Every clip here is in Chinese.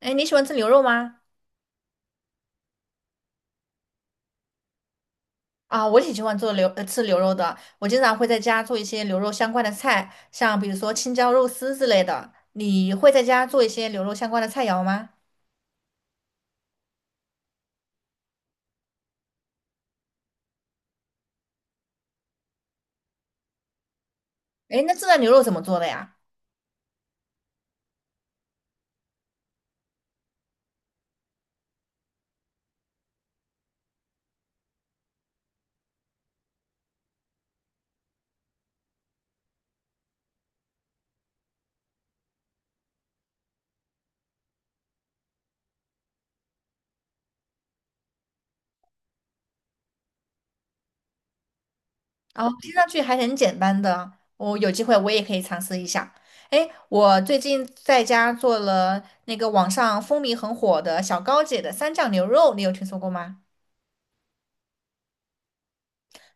哎，你喜欢吃牛肉吗？啊，我挺喜欢吃牛肉的。我经常会在家做一些牛肉相关的菜，像比如说青椒肉丝之类的。你会在家做一些牛肉相关的菜肴吗？哎，那这道牛肉怎么做的呀？哦，听上去还很简单的。我有机会我也可以尝试一下。哎，我最近在家做了那个网上风靡很火的小高姐的三酱牛肉，你有听说过吗？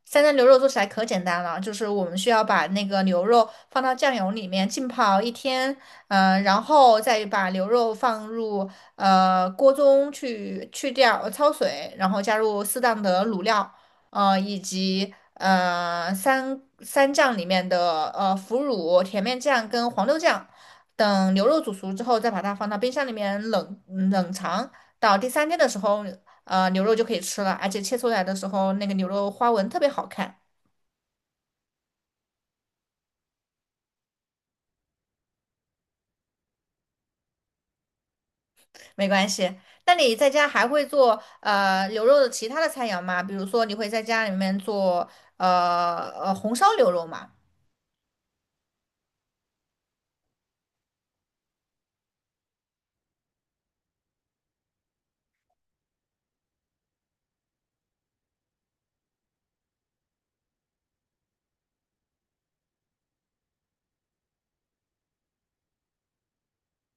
三鲜牛肉做起来可简单了，就是我们需要把那个牛肉放到酱油里面浸泡一天，然后再把牛肉放入锅中去掉焯水，然后加入适当的卤料，以及三酱里面的腐乳、甜面酱跟黄豆酱，等牛肉煮熟之后，再把它放到冰箱里面冷藏，到第三天的时候牛肉就可以吃了，而且切出来的时候那个牛肉花纹特别好看。没关系。那你在家还会做牛肉的其他的菜肴吗？比如说你会在家里面做红烧牛肉吗？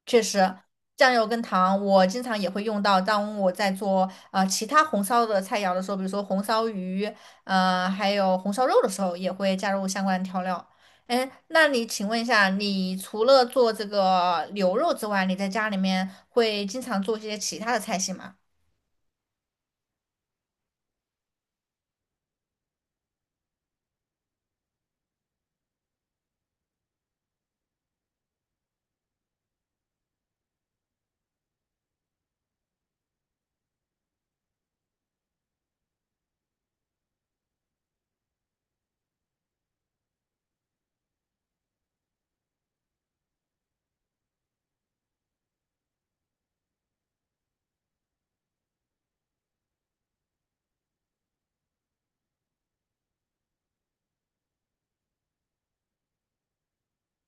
确实，酱油跟糖我经常也会用到。当我在做其他红烧的菜肴的时候，比如说红烧鱼，还有红烧肉的时候，也会加入相关的调料。哎，那你请问一下，你除了做这个牛肉之外，你在家里面会经常做一些其他的菜系吗？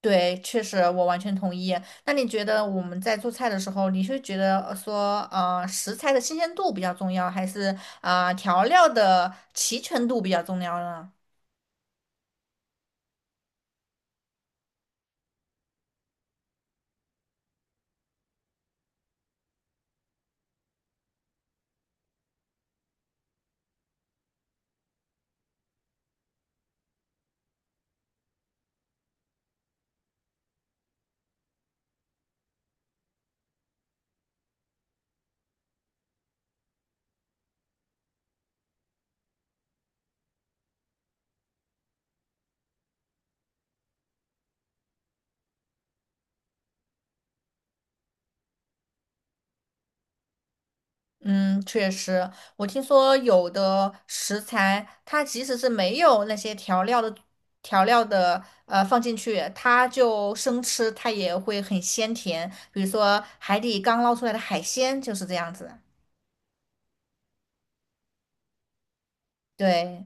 对，确实，我完全同意。那你觉得我们在做菜的时候，你是觉得说，食材的新鲜度比较重要，还是调料的齐全度比较重要呢？嗯，确实，我听说有的食材，它即使是没有那些调料的放进去，它就生吃，它也会很鲜甜。比如说海底刚捞出来的海鲜就是这样子。对，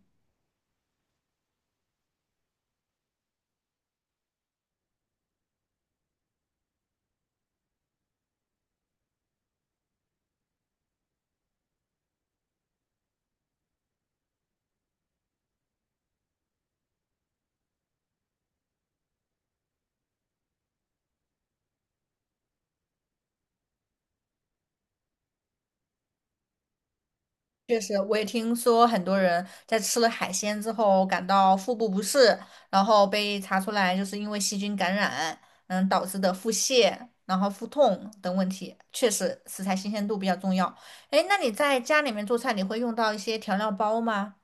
确实，我也听说很多人在吃了海鲜之后感到腹部不适，然后被查出来就是因为细菌感染，导致的腹泻，然后腹痛等问题。确实，食材新鲜度比较重要。哎，那你在家里面做菜，你会用到一些调料包吗？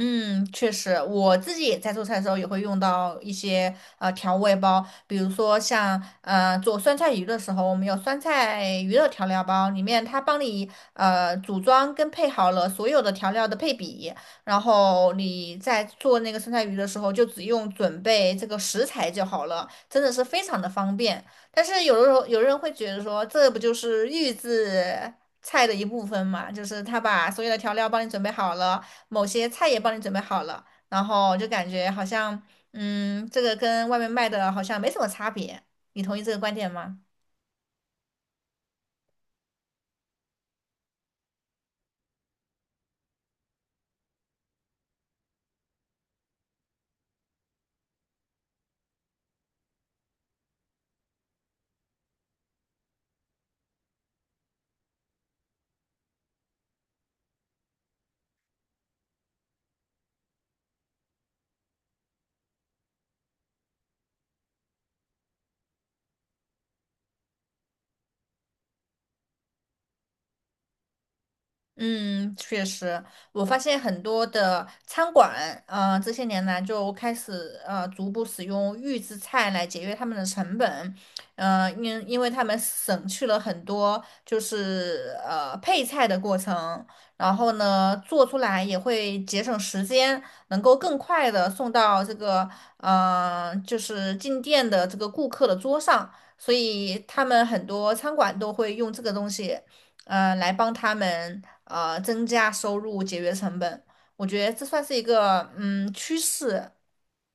嗯，确实，我自己在做菜的时候也会用到一些调味包，比如说像做酸菜鱼的时候，我们有酸菜鱼的调料包，里面它帮你组装跟配好了所有的调料的配比，然后你在做那个酸菜鱼的时候，就只用准备这个食材就好了，真的是非常的方便。但是有的时候有人会觉得说，这不就是预制菜的一部分嘛？就是他把所有的调料帮你准备好了。某些菜也帮你准备好了，然后就感觉好像，这个跟外面卖的好像没什么差别。你同意这个观点吗？嗯，确实，我发现很多的餐馆，这些年来就开始逐步使用预制菜来节约他们的成本，因为他们省去了很多就是配菜的过程，然后呢做出来也会节省时间，能够更快的送到这个就是进店的这个顾客的桌上，所以他们很多餐馆都会用这个东西。来帮他们增加收入、节约成本。我觉得这算是一个趋势，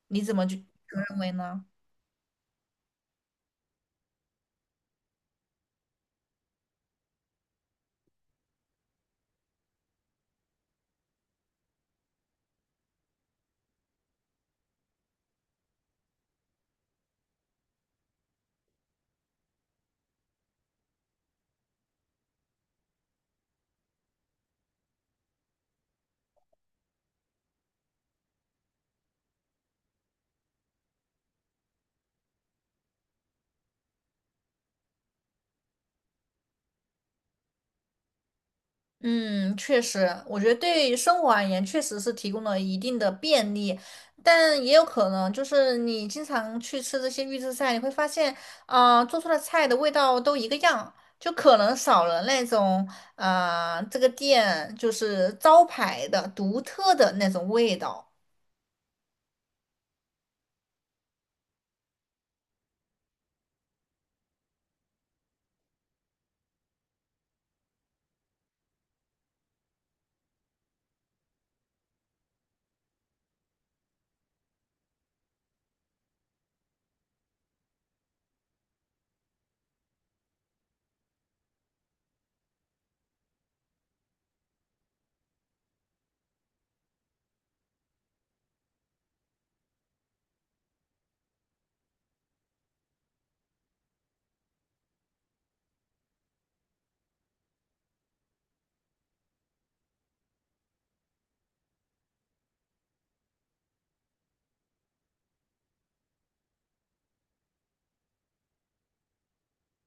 你怎么就认为呢？嗯，确实，我觉得对于生活而言，确实是提供了一定的便利，但也有可能就是你经常去吃这些预制菜，你会发现，啊，做出的菜的味道都一个样，就可能少了那种，啊这个店就是招牌的独特的那种味道。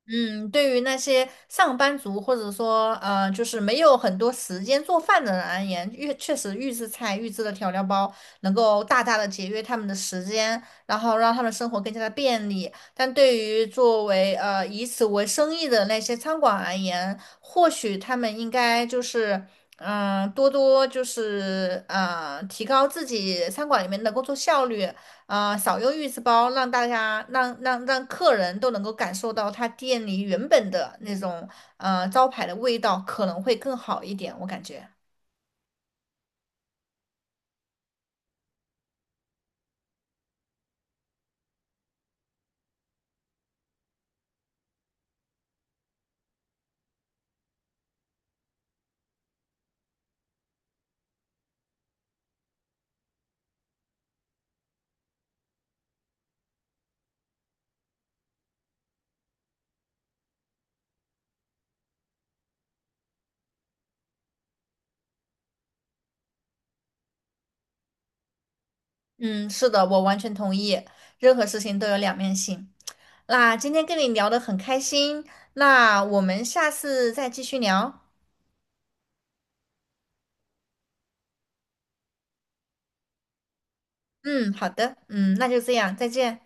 嗯，对于那些上班族或者说就是没有很多时间做饭的人而言，确实预制菜、预制的调料包能够大大的节约他们的时间，然后让他们生活更加的便利。但对于作为以此为生意的那些餐馆而言，或许他们应该就是多多就是提高自己餐馆里面的工作效率，啊、少用预制包，让大家让让让客人都能够感受到他店里原本的那种招牌的味道，可能会更好一点，我感觉。嗯，是的，我完全同意，任何事情都有两面性。那今天跟你聊得很开心，那我们下次再继续聊。嗯，好的，嗯，那就这样，再见。